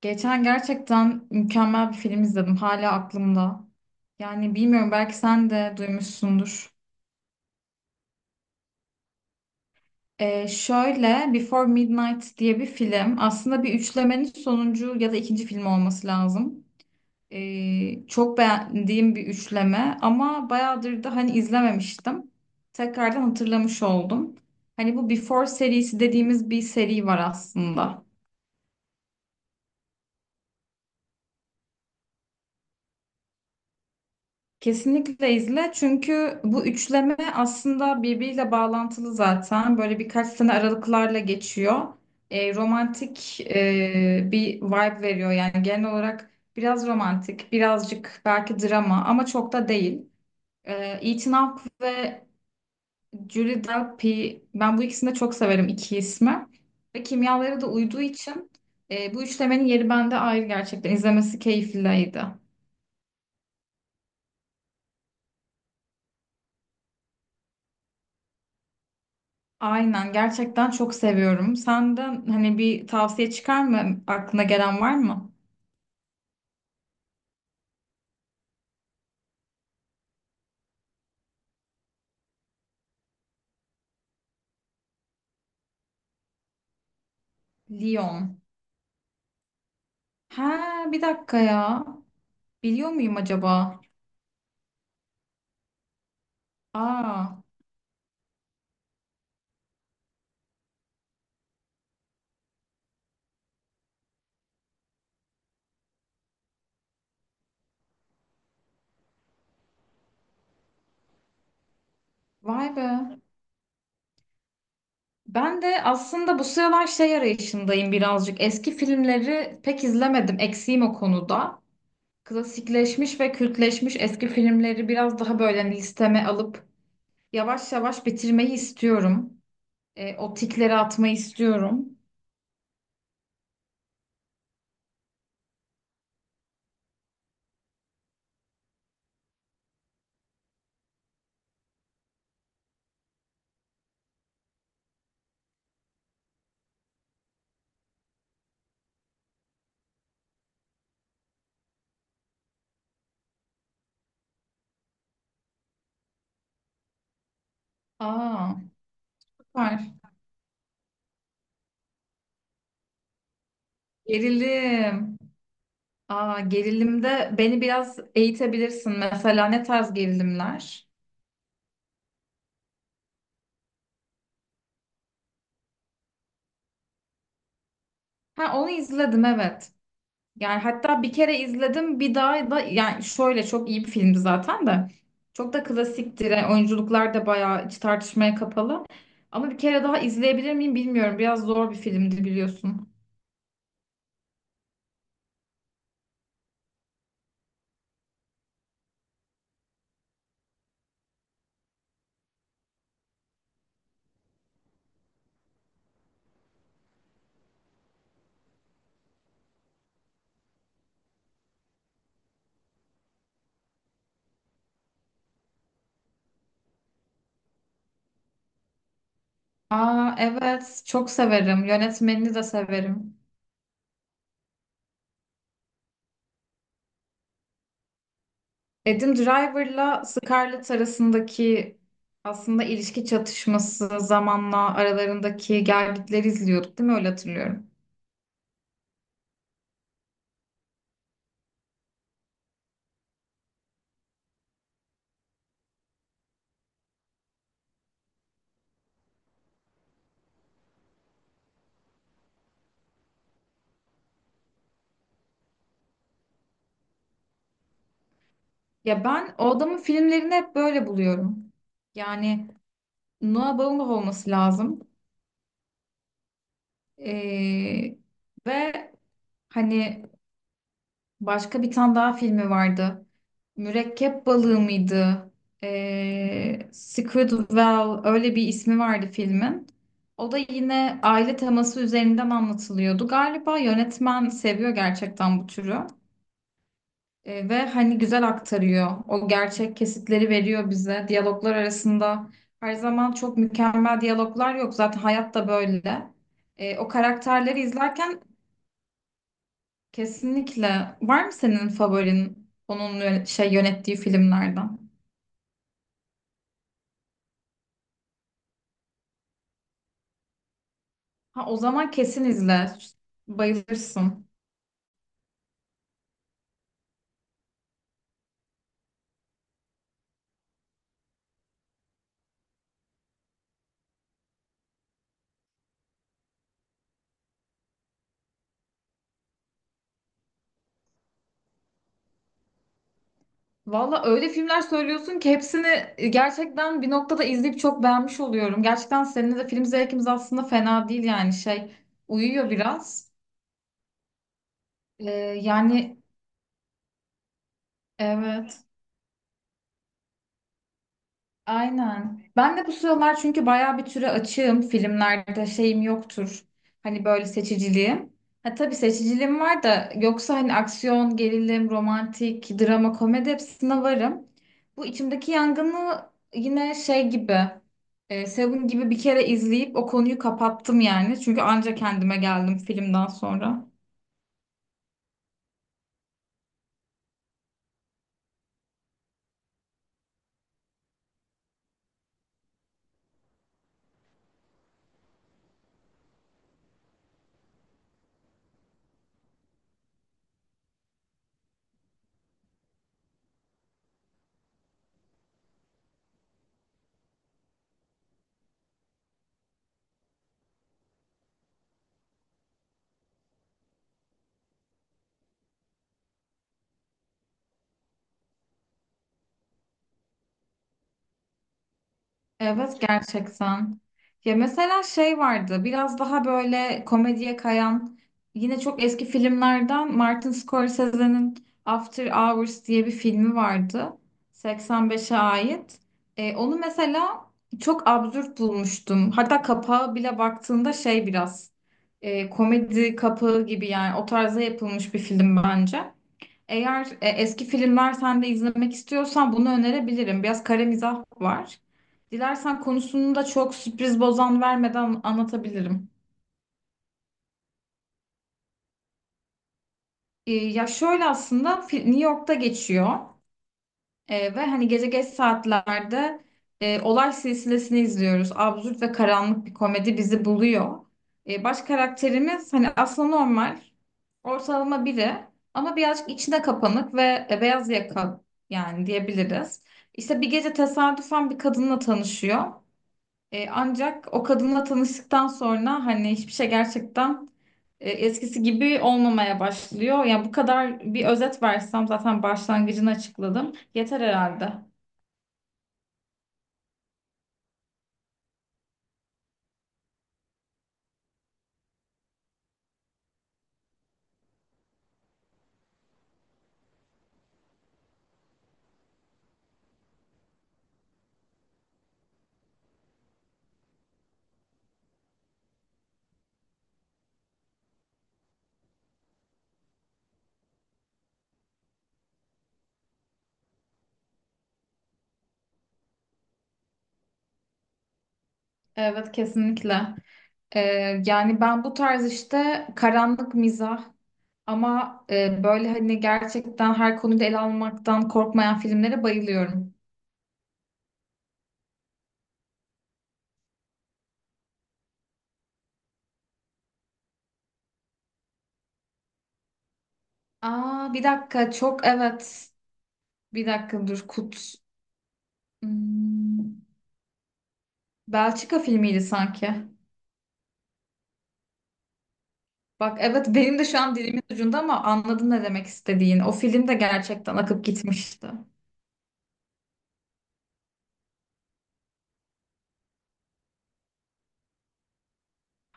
Geçen gerçekten mükemmel bir film izledim. Hala aklımda. Yani bilmiyorum, belki sen de duymuşsundur. Şöyle Before Midnight diye bir film. Aslında bir üçlemenin sonuncu ya da ikinci film olması lazım. Çok beğendiğim bir üçleme ama bayağıdır da hani izlememiştim. Tekrardan hatırlamış oldum. Hani bu Before serisi dediğimiz bir seri var aslında. Kesinlikle izle, çünkü bu üçleme aslında birbiriyle bağlantılı, zaten böyle birkaç sene aralıklarla geçiyor. E, romantik bir vibe veriyor yani genel olarak biraz romantik, birazcık belki drama ama çok da değil. E, Ethan Hawke ve Julie Delpy, ben bu ikisini de çok severim, iki ismi ve kimyaları da uyduğu için bu üçlemenin yeri bende ayrı, gerçekten izlemesi keyifliydi. Aynen, gerçekten çok seviyorum. Senden hani bir tavsiye çıkar mı? Aklına gelen var mı? Lyon. Ha, bir dakika ya. Biliyor muyum acaba? Aa, vay be. Ben de aslında bu sıralar şey arayışındayım birazcık. Eski filmleri pek izlemedim. Eksiğim o konuda. Klasikleşmiş ve kültleşmiş eski filmleri biraz daha böyle hani, listeme alıp yavaş yavaş bitirmeyi istiyorum. E, o tikleri atmayı istiyorum. Aa, süper. Gerilim. Aa, gerilimde beni biraz eğitebilirsin. Mesela ne tarz gerilimler? Ha, onu izledim, evet. Yani hatta bir kere izledim, bir daha da yani şöyle, çok iyi bir filmdi zaten de. Çok da klasiktir. Yani oyunculuklar da bayağı hiç tartışmaya kapalı. Ama bir kere daha izleyebilir miyim bilmiyorum. Biraz zor bir filmdi, biliyorsun. Aa, evet çok severim. Yönetmenini de severim. Adam Driver'la Scarlett arasındaki aslında ilişki çatışması, zamanla aralarındaki gelgitleri izliyorduk, değil mi? Öyle hatırlıyorum. Ya ben o adamın filmlerini hep böyle buluyorum. Yani Noah Baumbach olması lazım. Ee, Ve hani başka bir tane daha filmi vardı. Mürekkep balığı mıydı? Squid Well, öyle bir ismi vardı filmin. O da yine aile teması üzerinden anlatılıyordu. Galiba yönetmen seviyor gerçekten bu türü. Ve hani güzel aktarıyor. O gerçek kesitleri veriyor bize. Diyaloglar arasında her zaman çok mükemmel diyaloglar yok. Zaten hayat da böyle. O karakterleri izlerken kesinlikle. Var mı senin favorin, şey yönettiği filmlerden? Ha, o zaman kesin izle. Bayılırsın. Valla öyle filmler söylüyorsun ki hepsini gerçekten bir noktada izleyip çok beğenmiş oluyorum. Gerçekten seninle de film zevkimiz aslında fena değil, yani şey, uyuyor biraz. Ee, Yani evet. Aynen. Ben de bu sıralar çünkü bayağı bir türe açığım. Filmlerde şeyim yoktur. Hani böyle seçiciliğim. Ha, tabii seçiciliğim var, da yoksa hani aksiyon, gerilim, romantik, drama, komedi, hepsine varım. Bu içimdeki yangını yine şey gibi, Seven gibi bir kere izleyip o konuyu kapattım yani. Çünkü anca kendime geldim filmden sonra. Evet, gerçekten. Ya mesela şey vardı biraz daha böyle komediye kayan, yine çok eski filmlerden, Martin Scorsese'nin After Hours diye bir filmi vardı. 85'e ait. Onu mesela çok absürt bulmuştum. Hatta kapağı bile baktığında şey biraz, komedi kapağı gibi yani, o tarza yapılmış bir film bence. Eğer eski filmler sen de izlemek istiyorsan bunu önerebilirim. Biraz kare mizah var. Dilersen konusunu da çok sürpriz bozan vermeden anlatabilirim. Ya şöyle aslında New York'ta geçiyor. Ve hani gece geç saatlerde olay silsilesini izliyoruz. Absürt ve karanlık bir komedi bizi buluyor. Baş karakterimiz hani aslında normal, ortalama biri ama birazcık içine kapanık ve beyaz yaka yani diyebiliriz. İşte bir gece tesadüfen bir kadınla tanışıyor. Ancak o kadınla tanıştıktan sonra hani hiçbir şey gerçekten eskisi gibi olmamaya başlıyor. Yani bu kadar bir özet versem zaten başlangıcını açıkladım. Yeter herhalde. Evet, kesinlikle. E, Yani ben bu tarz işte karanlık mizah ama böyle hani gerçekten her konuyu da ele almaktan korkmayan filmlere bayılıyorum. Aa, bir dakika, çok evet. Bir dakika, dur Kut. Hmm, Belçika filmiydi sanki. Bak evet, benim de şu an dilimin ucunda ama anladın ne demek istediğin. O film de gerçekten akıp gitmişti.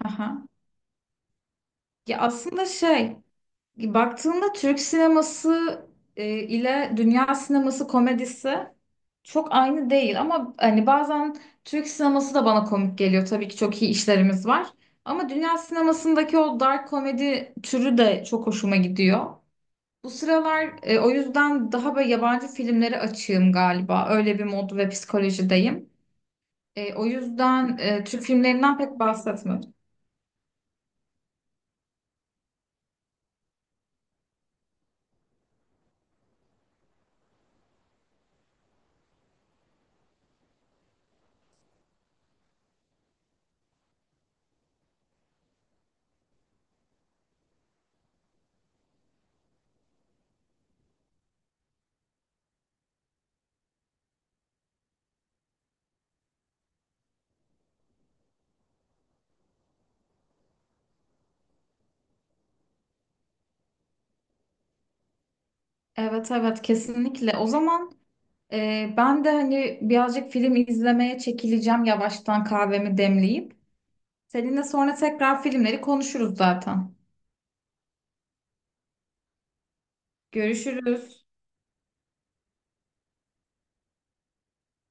Aha. Ya aslında şey, baktığında Türk sineması ile dünya sineması komedisi çok aynı değil ama hani bazen Türk sineması da bana komik geliyor. Tabii ki çok iyi işlerimiz var. Ama dünya sinemasındaki o dark komedi türü de çok hoşuma gidiyor. Bu sıralar o yüzden daha böyle yabancı filmleri açığım galiba. Öyle bir mod ve psikolojideyim. O yüzden Türk filmlerinden pek bahsetmedim. Evet evet, kesinlikle. O zaman ben de hani birazcık film izlemeye çekileceğim yavaştan, kahvemi demleyip. Seninle sonra tekrar filmleri konuşuruz zaten. Görüşürüz.